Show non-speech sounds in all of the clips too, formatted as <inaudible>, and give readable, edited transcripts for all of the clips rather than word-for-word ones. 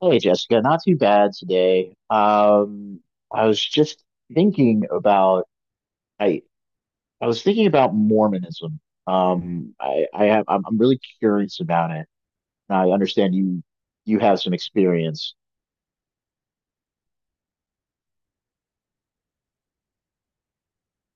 Hey Jessica, not too bad today. I was just thinking about I I was thinking about Mormonism. I'm really curious about it. And I understand you have some experience.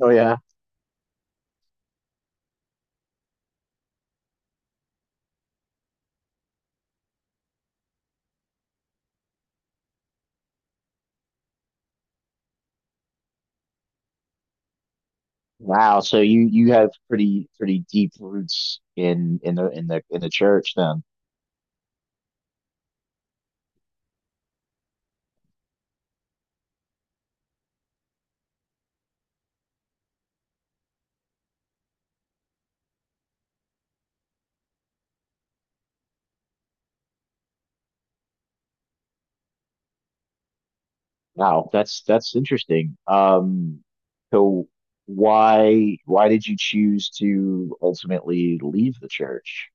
Oh yeah. Wow, so you have pretty deep roots in the church then. Wow, that's interesting. So why did you choose to ultimately leave the church?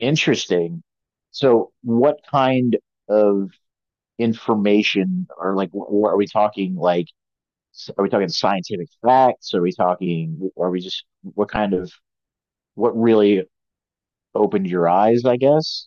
Interesting. So, what kind of information, or like, what are we talking? Like, are we talking scientific facts? Are we talking? Are we just what kind of what really opened your eyes? I guess,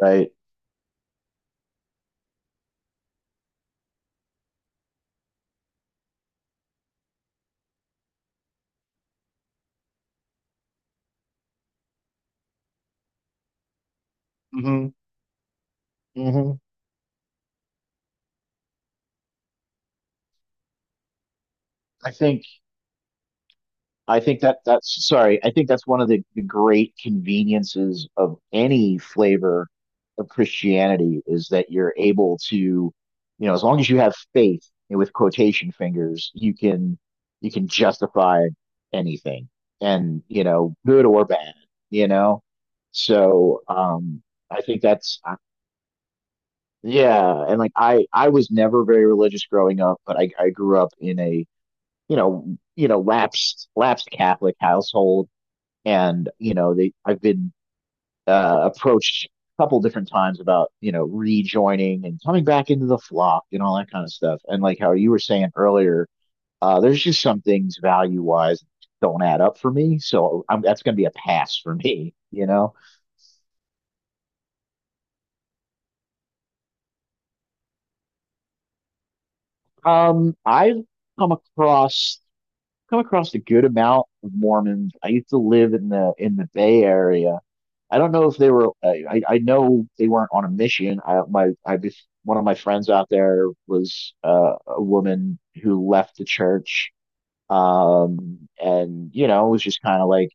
right? Hmm. Hmm. I think I think that that's sorry. I think that's one of the great conveniences of any flavor of Christianity is that you're able to, you know, as long as you have faith and with quotation fingers, you can justify anything and, you know, good or bad, you know? So, I think that's yeah, and like I was never very religious growing up, but I grew up in a, lapsed Catholic household, and you know they I've been approached a couple different times about, you know, rejoining and coming back into the flock and all that kind of stuff. And like how you were saying earlier, there's just some things value wise don't add up for me, so that's going to be a pass for me. You know, I've come across come across a good amount of Mormons. I used to live in the Bay Area. I don't know if they were. I know they weren't on a mission. I my I bef- One of my friends out there was a woman who left the church, and you know was just kind of like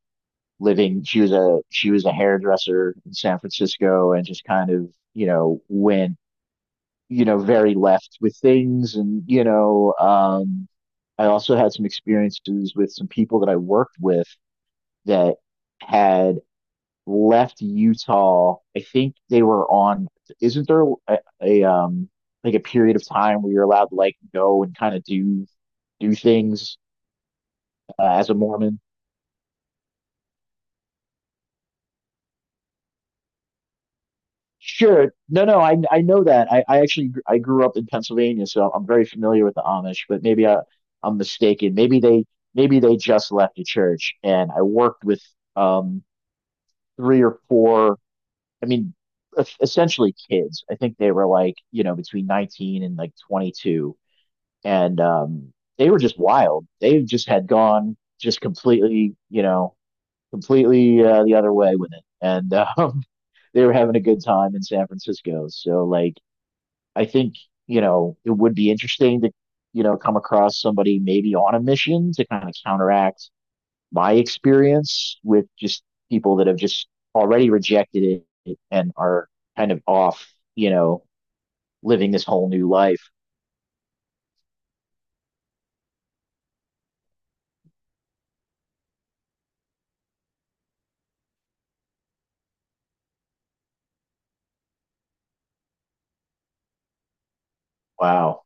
living. She was a hairdresser in San Francisco, and just kind of, you know, went, you know, very left with things, and you know. I also had some experiences with some people that I worked with that had left Utah. I think they were on, isn't there a, a like a period of time where you're allowed to like go and kind of do things as a Mormon? Sure. No, no, I know that. I actually gr- I grew up in Pennsylvania, so I'm very familiar with the Amish, but maybe I I'm mistaken. Maybe they just left the church, and I worked with um three or four, I mean, essentially kids. I think they were like, you know, between 19 and like 22, and they were just wild. They just had gone just completely, you know, completely the other way with it, and <laughs> they were having a good time in San Francisco. So, like, I think, you know, it would be interesting to, you know, come across somebody maybe on a mission to kind of counteract my experience with just people that have just already rejected it and are kind of off, you know, living this whole new life. Wow,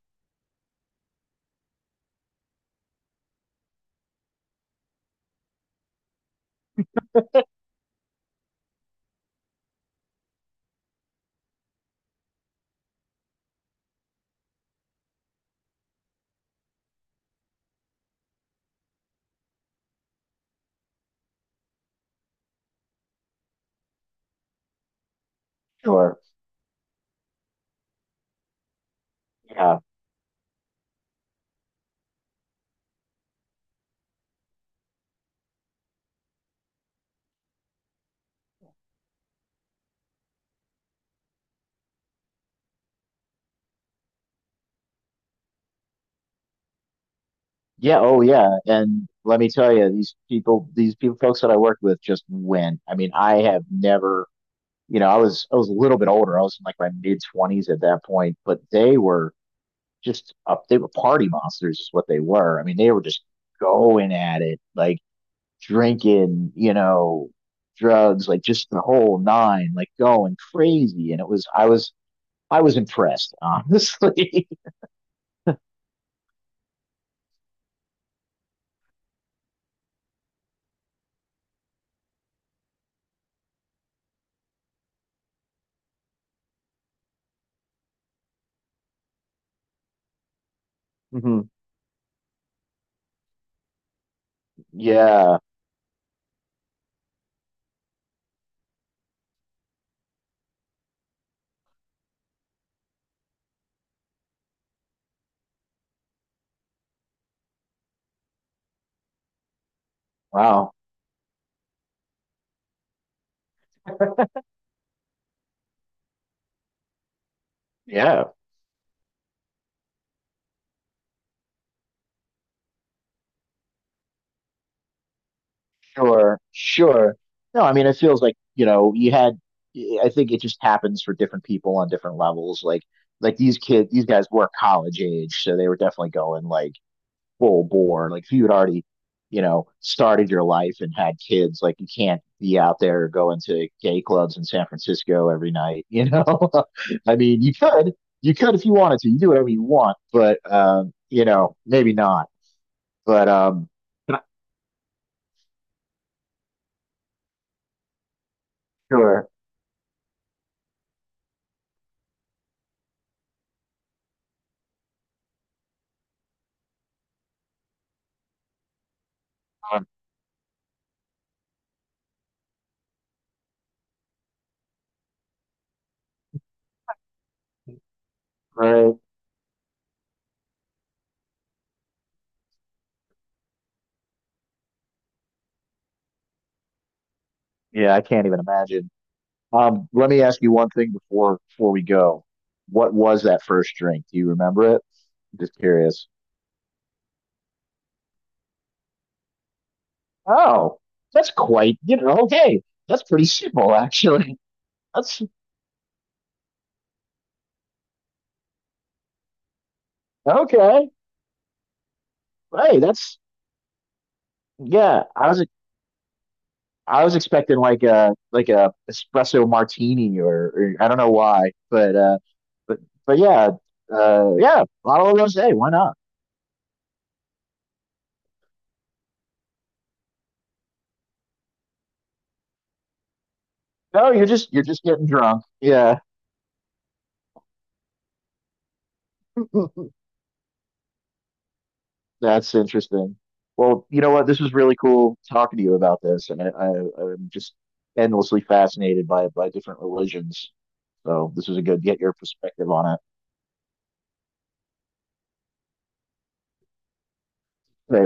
sure, yeah. Yeah, oh yeah. And let me tell you, these people, folks that I worked with just went. I mean, I have never, you know, I was a little bit older. I was in like my mid twenties at that point, but they were just up, they were party monsters is what they were. I mean, they were just going at it, like drinking, you know, drugs, like just the whole nine, like going crazy. And it was I was I was impressed, honestly. <laughs> Hmm. Yeah. Wow. Yeah. Sure, sure. No, I mean, it feels like, you know, I think it just happens for different people on different levels. Like these kids, these guys were college age, so they were definitely going like full bore. Like, if you had already, you know, started your life and had kids, like, you can't be out there going to gay clubs in San Francisco every night, you know? <laughs> I mean, you could if you wanted to, you do whatever you want, but, you know, maybe not. But, Can I, sure. Um, right. Yeah, I can't even imagine. Let me ask you one thing before we go. What was that first drink? Do you remember it? Just curious. Oh, that's quite, you know, okay. That's pretty simple, actually. <laughs> That's okay. Hey, that's yeah. I was expecting like a espresso martini, or I don't know why, but but but yeah, yeah, bottle of rosé. Why not? No, you're just getting drunk. Yeah. <laughs> That's interesting. Well, you know what? This was really cool talking to you about this, and, I'm just endlessly fascinated by different religions. So this was a good get your perspective on it.